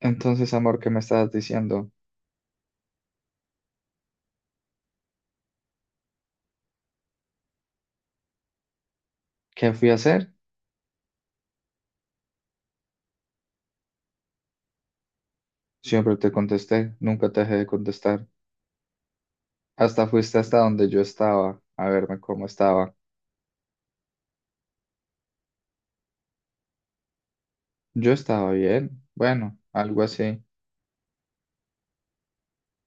Entonces, amor, ¿qué me estabas diciendo? ¿Qué fui a hacer? Siempre te contesté, nunca te dejé de contestar. Hasta fuiste hasta donde yo estaba, a verme cómo estaba. Yo estaba bien, bueno, algo así.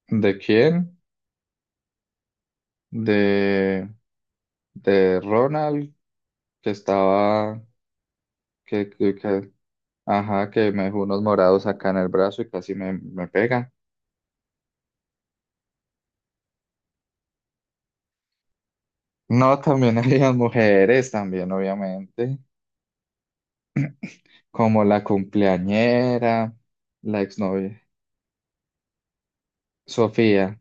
¿De quién? De, de Ronald, que estaba, que- ajá, que me dejó unos morados acá en el brazo y casi me pega. No, también había mujeres, también, obviamente, como la cumpleañera, la exnovia, Sofía.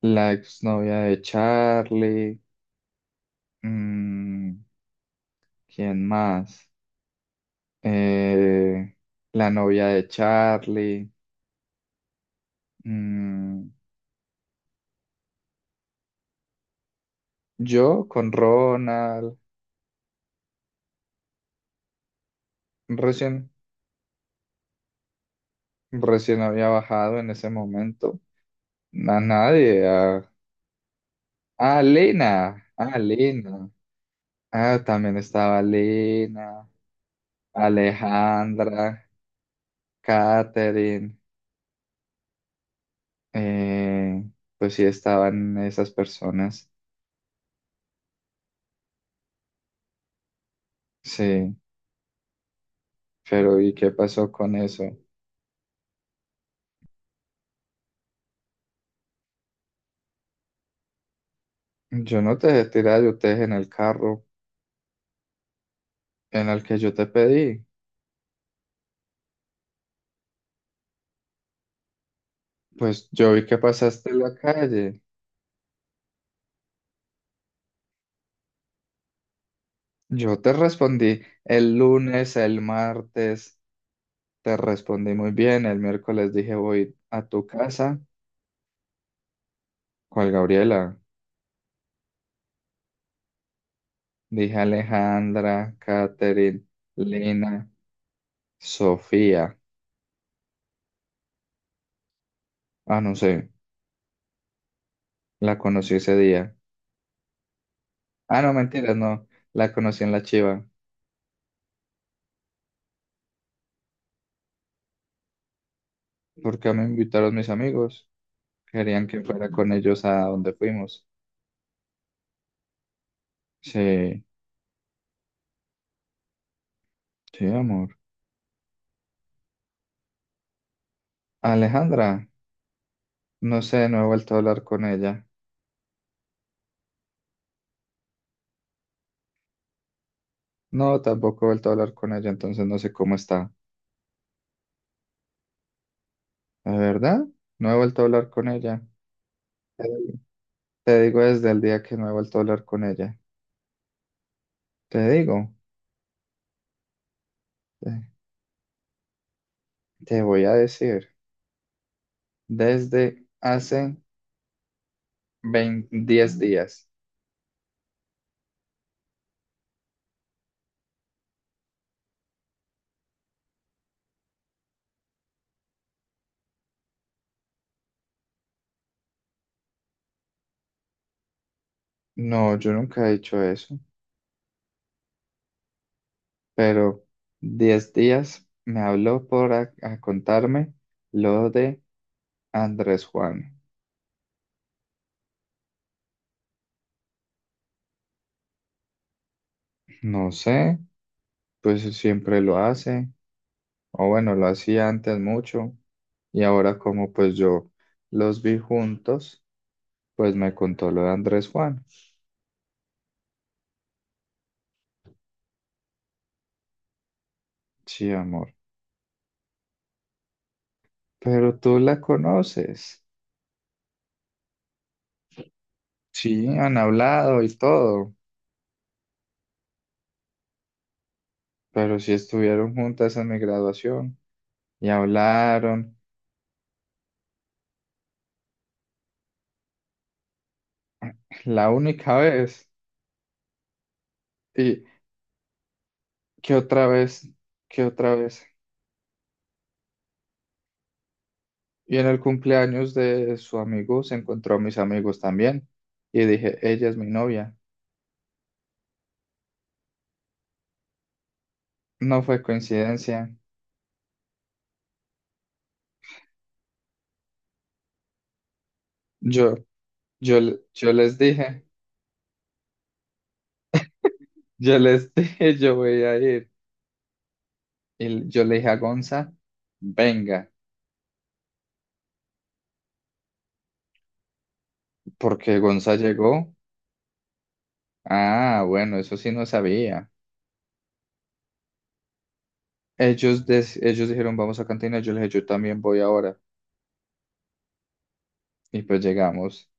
La exnovia de Charlie, mm, ¿quién más? Eh, la novia de Charlie, mm, yo con Ronald, recién, recién había bajado en ese momento, a nadie, a Lena, ah, también estaba Lena, Alejandra, Katherine, eh, pues sí estaban esas personas, sí. Pero ¿y qué pasó con eso? Yo no te dejé tirar, yo te dejé en el carro en el que yo te pedí. Pues yo vi que pasaste la calle. Yo te respondí el lunes, el martes, te respondí muy bien. El miércoles dije voy a tu casa. ¿Cuál Gabriela? Dije Alejandra, Catherine, Lina, Sofía. Ah, no sé, la conocí ese día. Ah, no, mentiras, no, la conocí en la Chiva, porque me invitaron mis amigos. Querían que fuera con ellos a donde fuimos. Sí, sí, amor. Alejandra, no sé, no he vuelto a hablar con ella. No, tampoco he vuelto a hablar con ella, entonces no sé cómo está. ¿De verdad? No he vuelto a hablar con ella. Te te digo desde el día que no he vuelto a hablar con ella. Te digo, te, te voy a decir, desde hace veinte 10 días. No, yo nunca he dicho eso, pero 10 días me habló por a contarme lo de Andrés Juan, no sé, pues siempre lo hace, o bueno, lo hacía antes mucho, y ahora como pues yo los vi juntos, pues me contó lo de Andrés Juan. Sí, amor, pero tú la conoces. Sí, han hablado y todo, pero sí estuvieron juntas en mi graduación y hablaron la única vez. ¿Y qué otra vez? ¿Qué otra vez? Y en el cumpleaños de su amigo se encontró a mis amigos también. Y dije, ella es mi novia. No fue coincidencia. Yo, yo les dije, yo les dije, yo voy a ir. Y yo le dije a Gonza, venga, porque Gonza llegó. Ah, bueno, eso sí no sabía. Ellos dijeron, vamos a cantina. Yo les dije, yo también voy ahora. Y pues llegamos.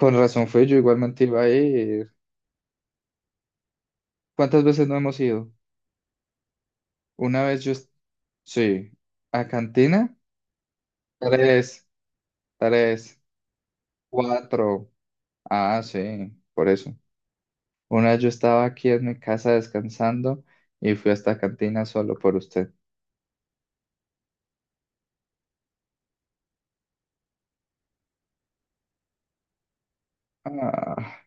Con razón fui, yo igualmente iba a ir. ¿Cuántas veces no hemos ido? Una vez yo sí. ¿A cantina? Tres, Tres, cuatro. Ah, sí, por eso. Una vez yo estaba aquí en mi casa descansando y fui hasta cantina solo por usted. Ah,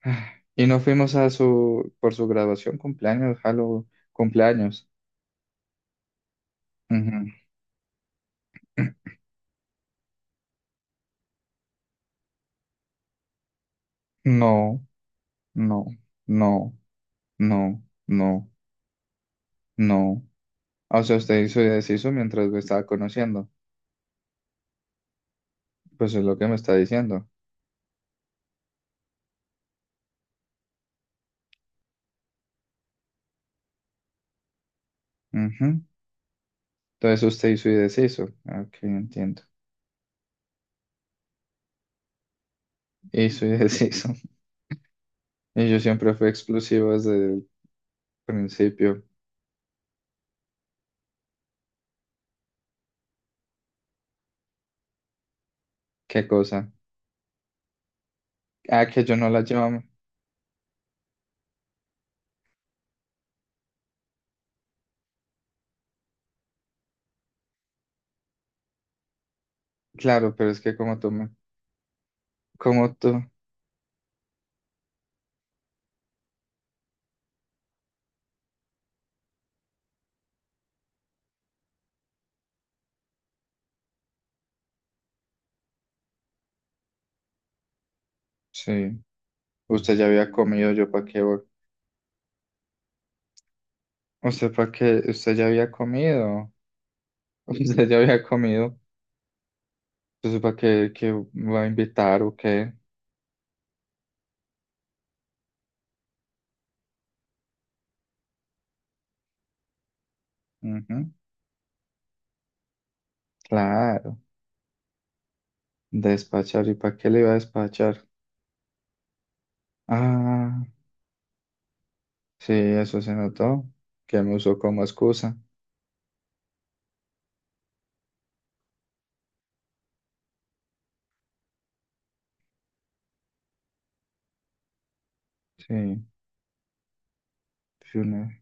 y no fuimos a su, por su graduación, cumpleaños, Halo, cumpleaños. Ujú. No, no, no, no, no, no. Ah, o sea, usted hizo y deshizo mientras me estaba conociendo. Pues es lo que me está diciendo. Entonces usted hizo y deshizo. Ah, ok, entiendo. Hizo y deshizo. Y yo siempre fui explosivo desde el principio. ¿Qué cosa? Ah, que yo no la llevaba. Claro, pero es que como tú me... Como tú... Sí. Usted ya había comido, yo para qué voy. Usted para qué... Usted ya había comido. Usted ya había comido. Entonces para qué, qué va a invitar o qué. Ujú, claro. Despachar. ¿Y para qué le iba a despachar? Ah, sí, eso se notó. Que me usó como excusa. Sí, sí, una-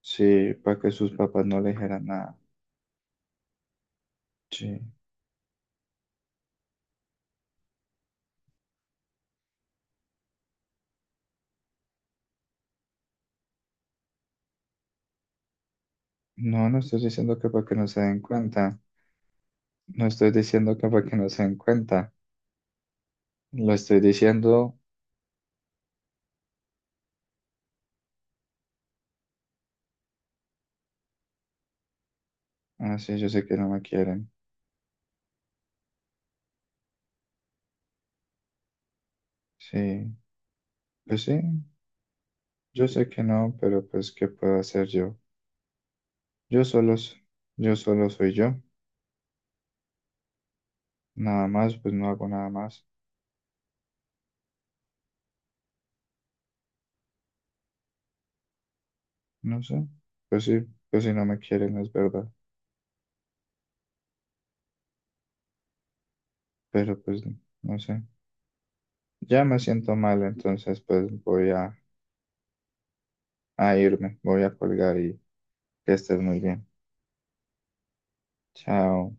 sí, para que sus papás no le dijeran nada. Sí. No, no estoy diciendo que para que no se den cuenta. No estoy diciendo que para que no se den cuenta. Lo estoy diciendo, ah, sí, yo sé que no me quieren. Sí, pues sí, yo sé que no, pero pues, ¿qué puedo hacer yo? Yo solo, s- yo solo soy yo. Nada más, pues no hago nada más. No sé. Pues sí, pues si no me quieren, es verdad. Pero pues, no sé. Ya me siento mal, entonces pues voy a irme. Voy a colgar y que estés muy bien. Chao.